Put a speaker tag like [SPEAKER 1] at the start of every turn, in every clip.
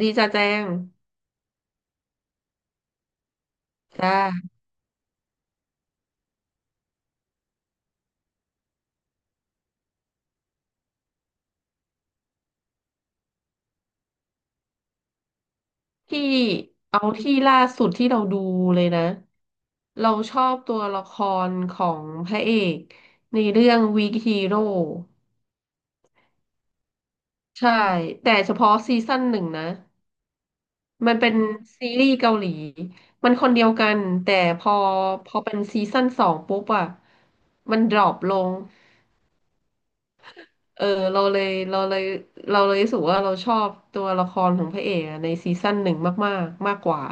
[SPEAKER 1] ดีจ้าแจ้งจ้าที่เอาที่ล่าสุดที่เราดูเลยนะเราชอบตัวละครของพระเอกในเรื่อง Weak Hero ใช่แต่เฉพาะซีซั่นหนึ่งนะมันเป็นซีรีส์เกาหลีมันคนเดียวกันแต่พอพอเป็นซีซั่นสองปุ๊บอะมันดรอปลงเออเราเลยเราเลยเราเลยรู้สึกว่าเราชอบตัวละครของพระเอกอะในซีซั่นหนึ่งมากๆมากกว่า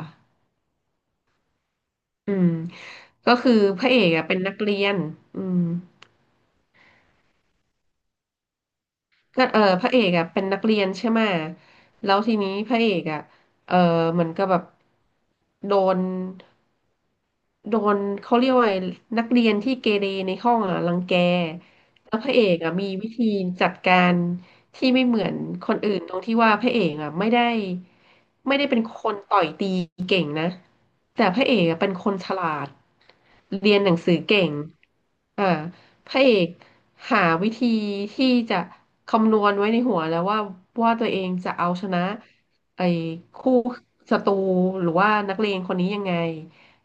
[SPEAKER 1] อืมก็คือพระเอกอะเป็นนักเรียนอืม ก็เออพระเอกอ่ะเป็นนักเรียนใช่ไหมแล้วทีนี้พระเอกอ่ะเออเหมือนกับแบบโดนโดนเขาเรียกว่าไงนักเรียนที่เกเรในห้องอ่ะรังแกแล้วพระเอกอ่ะมีวิธีจัดการที่ไม่เหมือนคนอื่นตรงที่ว่าพระเอกอ่ะไม่ได้เป็นคนต่อยตีเก่งนะแต่พระเอกอ่ะเป็นคนฉลาดเรียนหนังสือเก่งอ่า พระเอกหาวิธีที่จะคำนวณไว้ในหัวแล้วว่าตัวเองจะเอาชนะไอ้คู่ศัตรูหรือว่านักเลงคนนี้ยังไง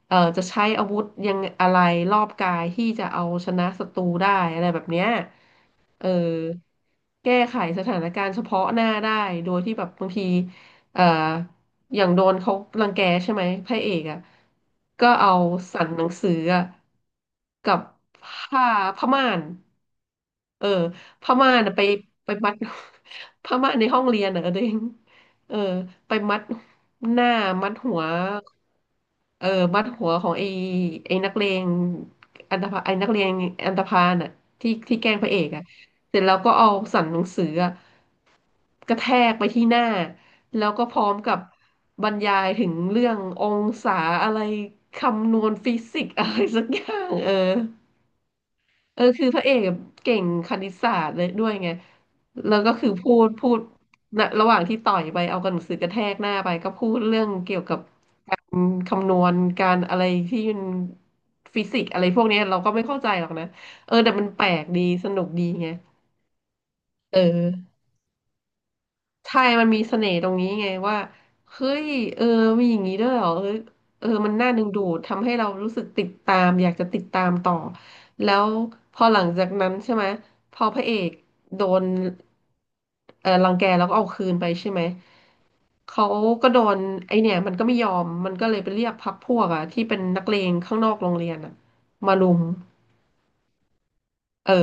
[SPEAKER 1] จะใช้อาวุธยังอะไรรอบกายที่จะเอาชนะศัตรูได้อะไรแบบเนี้ยเออแก้ไขสถานการณ์เฉพาะหน้าได้โดยที่แบบบางที เอ่ออย่างโดนเขารังแกใช่ไหมพระเอกอ่ะก็เอาสั่นหนังสืออะกับผ้าผ้าม่านเออผ้าม่านอะไปมัด ผ้าม่านในห้องเรียนอ่ะตัวเองเออไปมัดหน้ามัดหัวเออมัดหัวของไอ้นักเลงอันธพาลไอ้นักเลงอันธพาลน่ะที่ที่แกล้งพระเอกอ่ะเสร็จแล้วก็เอาสั่นหนังสืออะกระแทกไปที่หน้า แล้วก็พร้อมกับบรรยายถึงเรื่ององศาอะไรคำนวณฟิสิกส์อะไรสักอย่างเออเออคือพระเอกเก่งคณิตศาสตร์เลยด้วยไงแล้วก็คือพูดนะระหว่างที่ต่อยไปเอากระหนังสือกระแทกหน้าไปก็พูดเรื่องเกี่ยวกับอืมคำนวณการอะไรที่มันฟิสิกส์อะไรพวกเนี้ยเราก็ไม่เข้าใจหรอกนะเออแต่มันแปลกดีสนุกดีไงเออ ใช่มันมีเสน่ห์ตรงนี้ไงว่าเฮ้ยเออมีอย่างนี้ด้วยเหรอเออเออมันน่าดึงดูดทำให้เรารู้สึกติดตามอยากจะติดตามต่อแล้วพอหลังจากนั้นใช่ไหมพอพระเอกโดนเออรังแกแล้วก็เอาคืนไปใช่ไหมเขาก็โดนไอเนี่ยมันก็ไม่ยอมมันก็เลยไปเรียกพรรคพวกอะที่เป็นนักเลงข้างนอกโรงเรียนอะมารุม เออ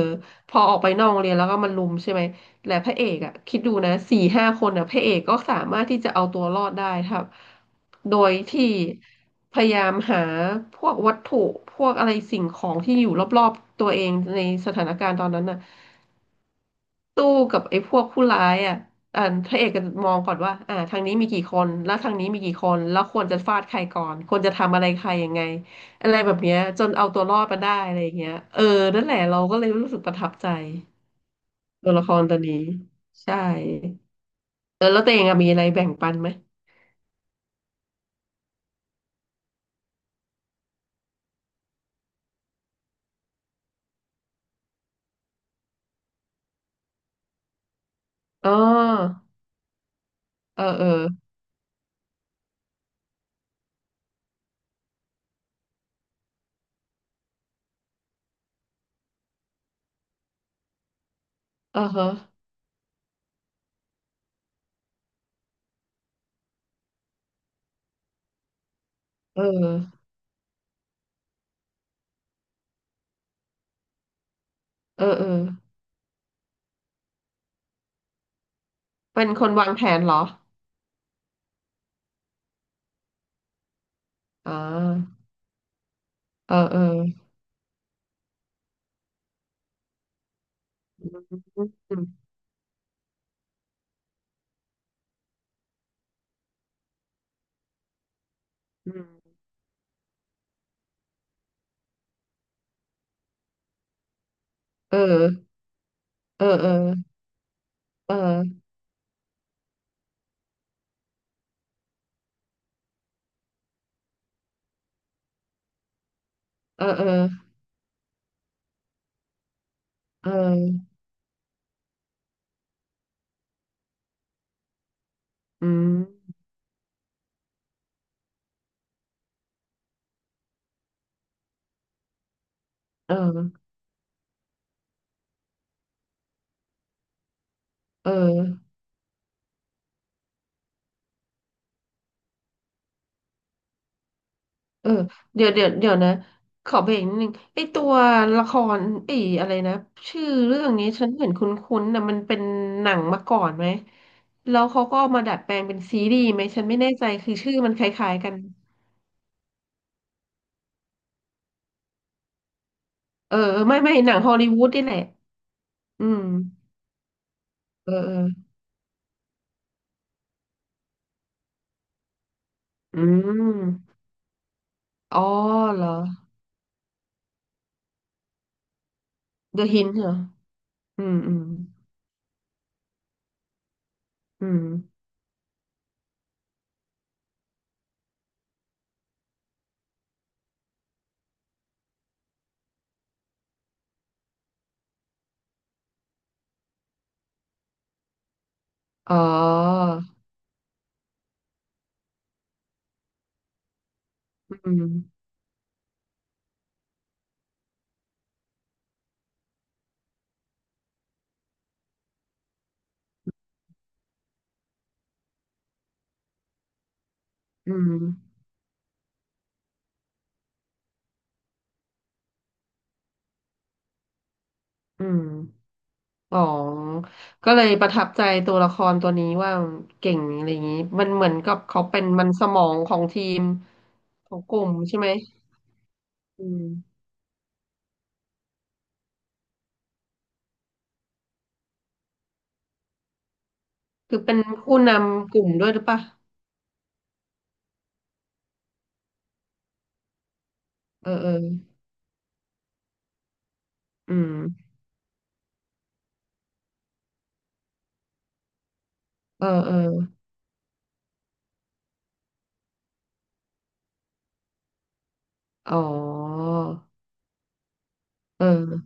[SPEAKER 1] พอออกไปนอกโรงเรียนแล้วก็มันลุมใช่ไหมแต่พระเอกอ่ะคิดดูนะสี่ห้าคนอ่ะพระเอกก็สามารถที่จะเอาตัวรอดได้ครับโดยที่พยายามหาพวกวัตถุพวกอะไรสิ่งของที่อยู่รอบๆตัวเองในสถานการณ์ตอนนั้นน่ะ สู้กับไอ้พวกผู้ร้ายอ่ะอ่าพระเอกก็มองก่อนว่าอ่าทางนี้มีกี่คน แล้วทางนี้มีกี่คนแล้วควรจะฟาดใครก่อนควรจะทำอะไรใครยังไงอะไรแบบเนี้ยจนเอาตัวรอดมาได้อะไรอย่างเงี้ยเออนั่นแหละเราก็เลยรู้สึกประทับใจตัวละครตัวนี้ใช่เออแล้วตัวเองอะมีอะไรแบ่งปันไหมอ๋อเออเออเออฮะเออเออเออเป็นคนวางแผนเหรออ่าเออเอออืมอืมอืมเออเออเออเออ เออเออเอออืมเออเออ เออเดี๋ยวนะขอเบรกนิดนึงไอตัวละครไออะไรนะชื่อเรื่องนี้ฉันเห็นคุ้นๆนะมันเป็นหนังมาก่อนไหมแล้วเขาก็เอามาดัดแปลงเป็นซีรีส์ไหมฉันไม่แน่ใจคือชื่อมันคล้ายๆกันเออเออไม่หนังฮอลลีวูดนี่แหละอืมเออเอออืมอ๋อเหรอ The Hint เหรออืมอืมอืมอ๋ออืมอืมอืม อ๋อก็เลยประทับใจตัวละครตัวนี้ว่าเก่งอะไรอย่างนี้มันเหมือนกับเขาเป็นมันสมองของทีมของกลุ่มใช่ไหมอืมคือเป็นผู้นำกลุ่มด้วยหรือปะเออเอออืมเออเอออ๋อเออ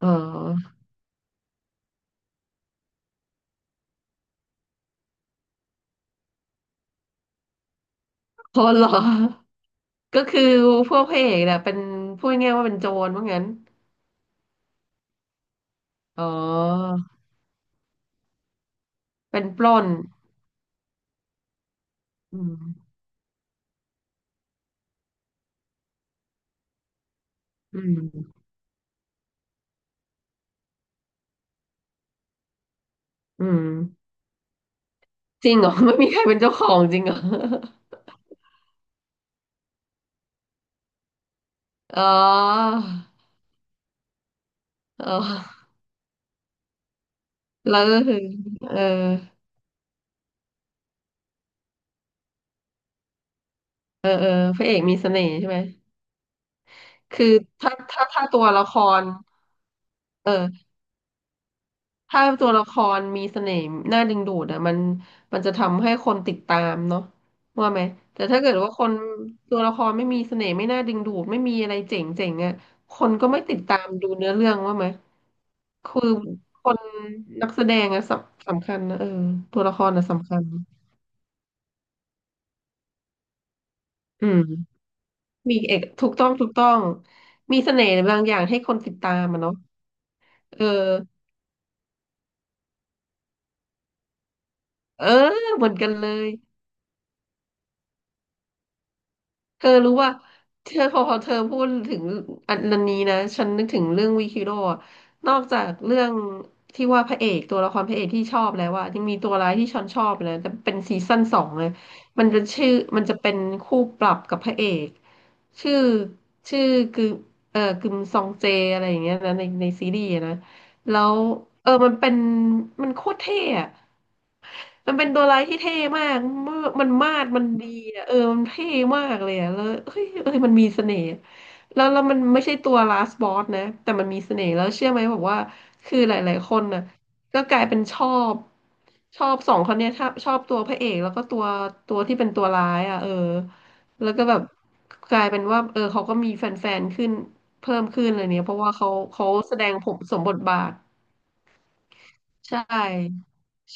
[SPEAKER 1] เอออ๋อเหรอก็คือพวกพระเอกเนี่ยเป็นพูดง่ายๆว่าเป็นโจรว่างั้นอ๋อเป็นปล้นอืมอืมอืมจริงเหรอ ไม่มีใครเป็นเจ้าของจริงเหรอ อ๋ออ๋อแล้วก็คือเออเออเออพระเอกมีเสน่ห์ใช่ไหมคือถ้าตัวละครเออถ้าตัวละครมีเสน่ห์น่าดึงดูดอ่ะมันจะทำให้คนติดตามเนาะว่าไหมแต่ถ้าเกิดว่าคนตัวละครไม่มีเสน่ห์ไม่น่าดึงดูดไม่มีอะไรเจ๋งเจ๋งอ่ะคนก็ไม่ติดตามดูเนื้อเรื่องว่าไหมคือคนนักแสดงอะสำคัญนะเออตัวละครอะสำคัญอืม มีเอกถูกต้องถูกต้องมีเสน่ห์บางอย่างให้คนติดตามอะเนาะเออเออเหมือนกันเลย เธอรู้ว่าเธอพอเธอพูดถึงอันนั้นนี้นะฉันนึกถึงเรื่องวิคิโร่อะนอกจากเรื่องที่ว่าพระเอกตัวละครพระเอกที่ชอบแล้วว่ายังมีตัวร้ายที่ฉันชอบเลยแต่เป็นซีซั่นสองเลยมันจะชื่อมันจะเป็นคู่ปรับกับพระเอกชื่อชื่อคือเออกึมซองเจอะไรอย่างเงี้ยนะในซีรีส์อะนะแล้วเออมันเป็นมันโคตรเท่อะ มันเป็นตัวร้ายที่เท่มากมันมาดมันดีอะเออมันเท่มากเลยอะแล้วเฮ้ยเอ้ยมันมีเสน่ห์แล้วมันไม่ใช่ตัว last ส o s s นะแต่มันมีเสน่ห์แล้วเชื่อไหมบอกว่าคือหลายๆคนน่ะก็กลายเป็นบชอบสองคนเนี้ยชอบตัวพระเอกแล้วก็ตัวที่เป็นตัวร้ายอ่ะเออแล้วก็แบบกลายเป็นว่าเออเขาก็มีแฟนๆขึ้นเพิ่มขึ้นอะไรเนี้ยเพราะว่าเขาแสดงผมสมบทบาท ใช่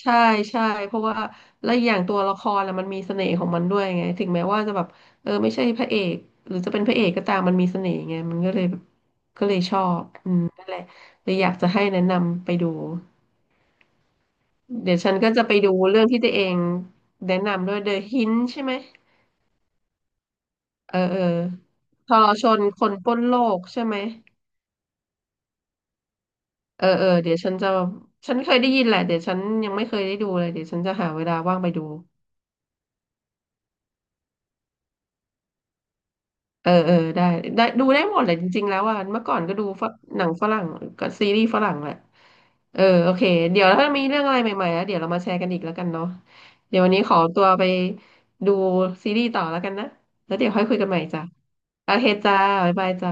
[SPEAKER 1] ใช่ใช่เพราะว่าและอกอย่างตัวละครอะมันมีเสน่ห์ของมันด้วยไง ถึงแม้ว่าจะแบบ เออไม่ใช่พระเอก หรือจะเป็นพระเอกก็ตามมันมีเสน่ห์ไงมันก็เลยแบบก็เลยชอบอืมนั่นแหละเลยอยากจะให้แนะนำไปดู เดี๋ยวฉันก็จะไปดูเรื่องที่ตัวเองแนะนำด้วย The Hint ใช่ไหมเออเออทรชนคนปล้นโลกใช่ไหมเออเออเดี๋ยวฉันจะฉันเคยได้ยินแหละเดี๋ยวฉันยังไม่เคยได้ดูเลยเดี๋ยวฉันจะหาเวลาว่างไปดู เออเออได้ได้ดูได้หมดแหละจริงๆแล้วอ่ะเมื่อก่อนก็ดูฝังหนังฝรั่งกับซีรีส์ฝรั่งแหละเออโอเคเดี๋ยวถ้ามีเรื่องอะไรใหม่ๆแล้วเดี๋ยวเรามาแชร์กันอีกแล้วกันเนาะเดี๋ยววันนี้ขอตัวไปดูซีรีส์ต่อแล้วกันนะแล้วเดี๋ยวค่อยคุยกันใหม่จ้ะโอเคจ้าบ๊ายบายจ้า